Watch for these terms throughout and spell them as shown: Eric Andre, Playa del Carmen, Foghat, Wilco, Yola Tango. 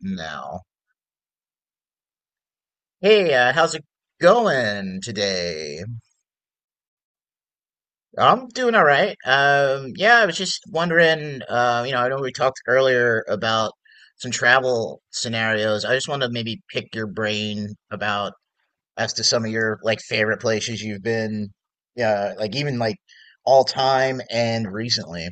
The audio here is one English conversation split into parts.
Now. Hey, how's it going today? I'm doing all right. Yeah, I was just wondering, you know, I know we talked earlier about some travel scenarios. I just want to maybe pick your brain about as to some of your like favorite places you've been, yeah, like even like all time and recently.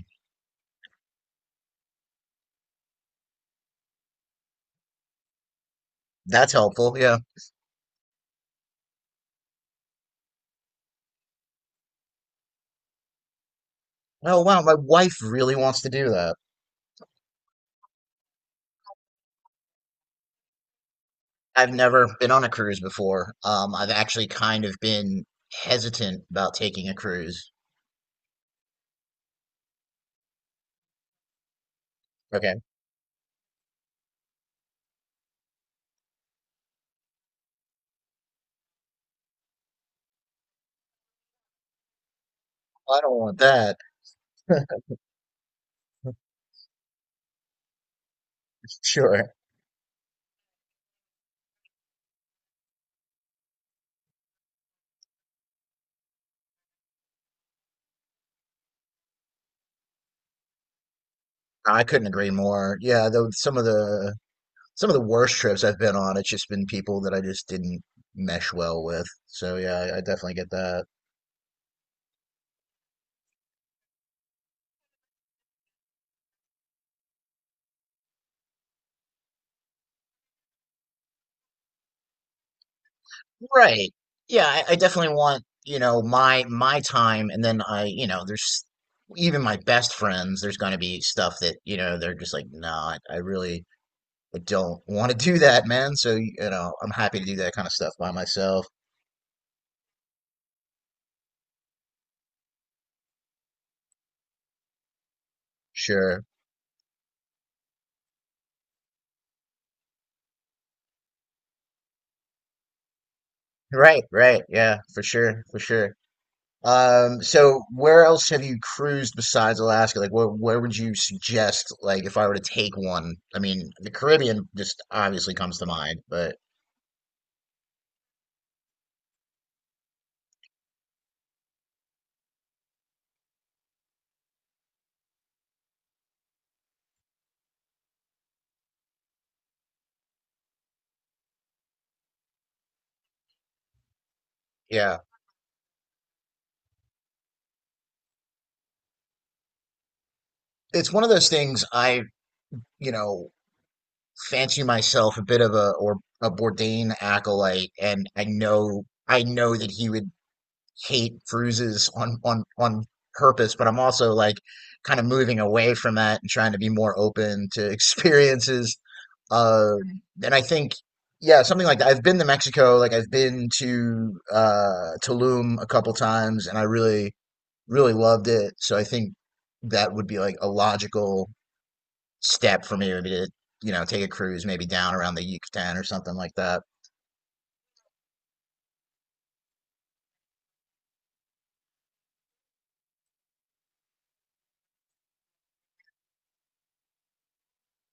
That's helpful. Yeah. Oh, wow, my wife really wants to do that. I've never been on a cruise before. I've actually kind of been hesitant about taking a cruise. Okay. I don't want that. Sure. I couldn't agree more. Yeah, though some of the worst trips I've been on, it's just been people that I just didn't mesh well with. So yeah, I definitely get that. Right. Yeah, I definitely want, you know, my time, and then I, you know, there's even my best friends, there's gonna be stuff that, you know, they're just like, nah, I really but don't want to do that, man. So, you know, I'm happy to do that kind of stuff by myself. Sure. Right, right. Yeah, for sure, for sure. So where else have you cruised besides Alaska? Like, where would you suggest, like, if I were to take one? I mean, the Caribbean just obviously comes to mind, but yeah, it's one of those things I, you know, fancy myself a bit of a or a Bourdain acolyte, and I know that he would hate bruises on purpose, but I'm also like kind of moving away from that and trying to be more open to experiences. Right. And I think yeah, something like that. I've been to Mexico, like I've been to Tulum a couple times, and I really loved it. So I think that would be like a logical step for me would be to you know take a cruise maybe down around the Yucatan or something like that.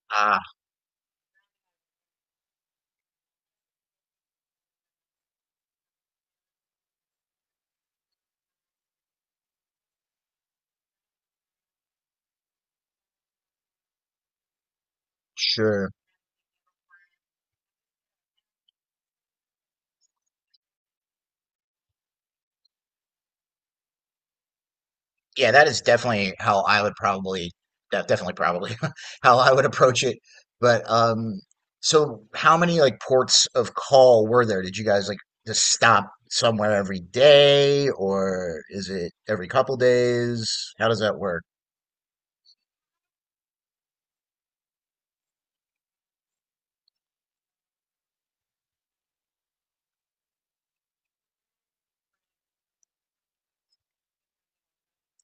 Ah, sure. Yeah, that is definitely how I would probably de definitely probably how I would approach it. But so how many like ports of call were there? Did you guys like just stop somewhere every day, or is it every couple days? How does that work?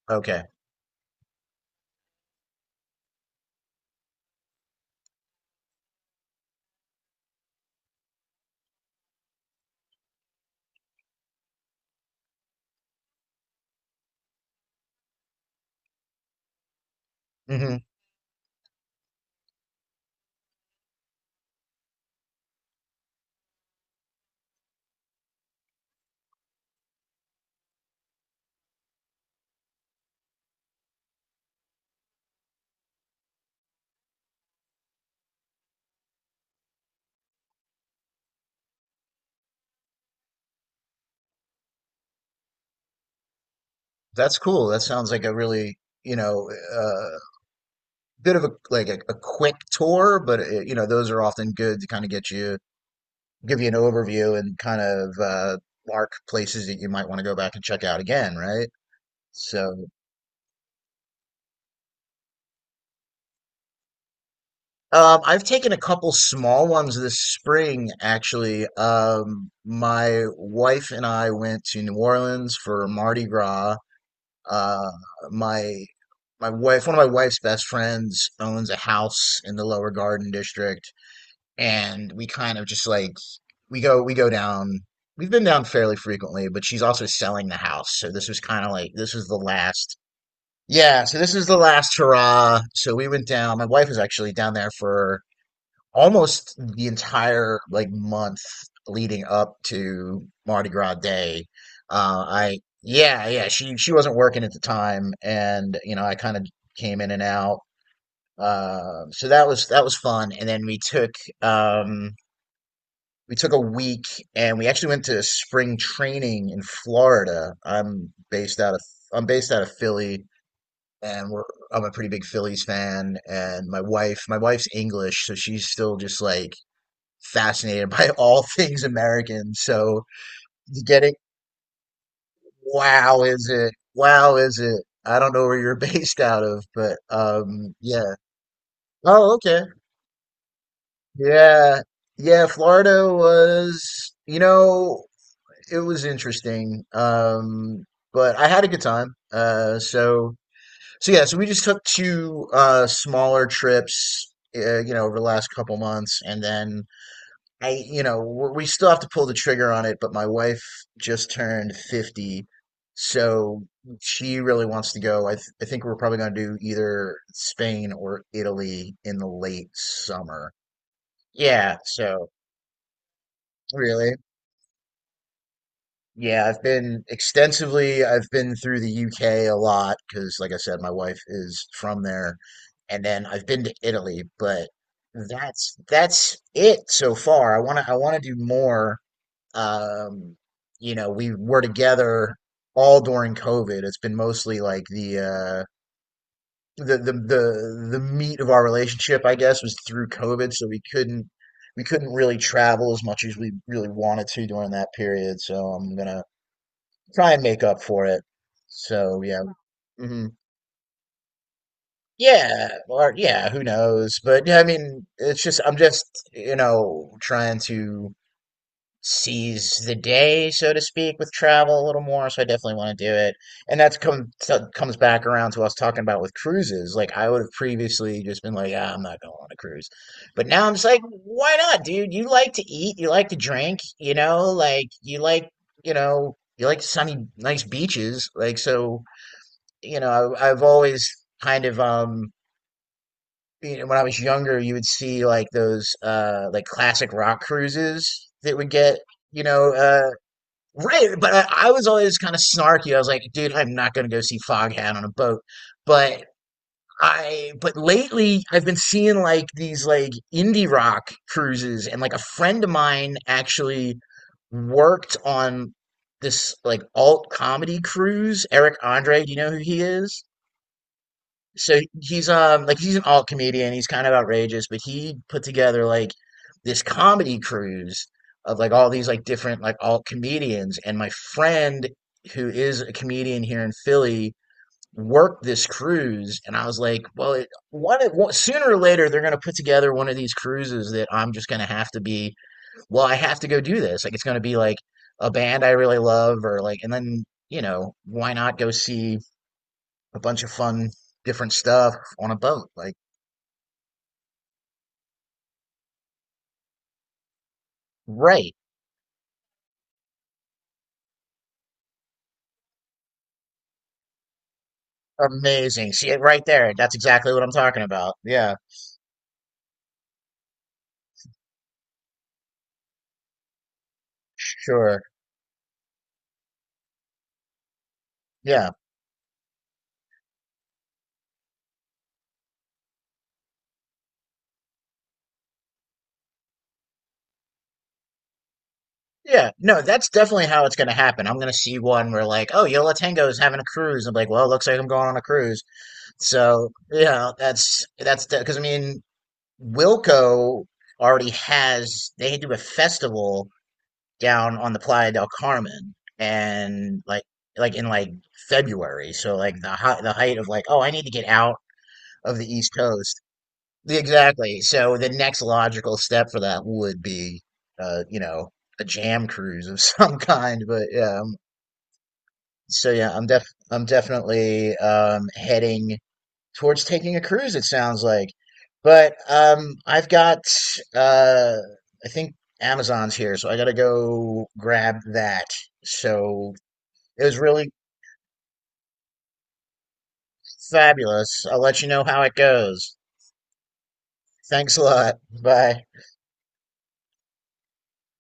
Okay. Hmm. That's cool. That sounds like a really, you know, uh bit of a like a quick tour, but you know, those are often good to kind of get you give you an overview and kind of mark places that you might want to go back and check out again, right? So, I've taken a couple small ones this spring, actually. My wife and I went to New Orleans for Mardi Gras. Uh, my my wife, one of my wife's best friends, owns a house in the Lower Garden District, and we kind of just like we go down, we've been down fairly frequently, but she's also selling the house, so this was kind of like this was the last, yeah, so this was the last hurrah. So we went down. My wife was actually down there for almost the entire like month leading up to Mardi Gras day. I yeah, yeah, she wasn't working at the time, and you know I kind of came in and out. So that was fun, and then um we took a week, and we actually went to spring training in Florida. I'm based out of Philly, and we're I'm a pretty big Phillies fan, and my wife's English, so she's still just like fascinated by all things American. So getting wow is it? Wow is it? I don't know where you're based out of, but yeah. Oh, okay. Yeah. Yeah, Florida was, you know, it was interesting. But I had a good time. So yeah, so we just took two smaller trips, you know, over the last couple months, and then I, you know, we still have to pull the trigger on it. But my wife just turned 50, so she really wants to go. I think we're probably going to do either Spain or Italy in the late summer. Yeah, so really. Yeah, I've been extensively. I've been through the UK a lot because, like I said, my wife is from there, and then I've been to Italy, but that's it so far. I want to do more. Um, you know, we were together all during COVID. It's been mostly like the the meat of our relationship, I guess, was through COVID, so we couldn't really travel as much as we really wanted to during that period. So I'm gonna try and make up for it. So yeah, hmm, yeah, or yeah, who knows? But yeah, I mean, it's just I'm just you know trying to seize the day, so to speak, with travel a little more. So I definitely want to do it, and that's comes back around to what I was talking about with cruises. Like I would have previously just been like, ah, I'm not going on a cruise, but now I'm just like, why not, dude? You like to eat, you like to drink, you know, you know you like sunny, nice beaches, like so you know, I've always kind of you know, when I was younger, you would see like those like classic rock cruises that would get, you know, right, but I was always kind of snarky. I was like, dude, I'm not gonna go see Foghat on a boat. But I but lately I've been seeing like these like indie rock cruises, and like a friend of mine actually worked on this like alt comedy cruise. Eric Andre, do you know who he is? So he's like he's an alt comedian. He's kind of outrageous, but he put together like this comedy cruise of like all these like different like alt comedians. And my friend who is a comedian here in Philly worked this cruise, and I was like, well, it, one, one sooner or later they're gonna put together one of these cruises that I'm just gonna have to be. Well, I have to go do this. Like it's gonna be like a band I really love, or like, and then you know why not go see a bunch of fun, different stuff on a boat. Like, right. Amazing. See it right there. That's exactly what I'm talking about. Yeah. Sure. Yeah. Yeah. No, that's definitely how it's going to happen. I'm going to see one where, like, oh, Yola Tango is having a cruise. I'm like, well, looks like I'm going on a cruise. So, yeah, that's, because I mean, Wilco already has, they do a festival down on the Playa del Carmen, and like in like February. So like the height of like, oh, I need to get out of the East Coast. Exactly. So the next logical step for that would be, you know, a jam cruise of some kind. But so yeah, I'm definitely heading towards taking a cruise, it sounds like. But I've got, uh, I think Amazon's here, so I gotta go grab that. So it was really fabulous. I'll let you know how it goes. Thanks a lot. Bye.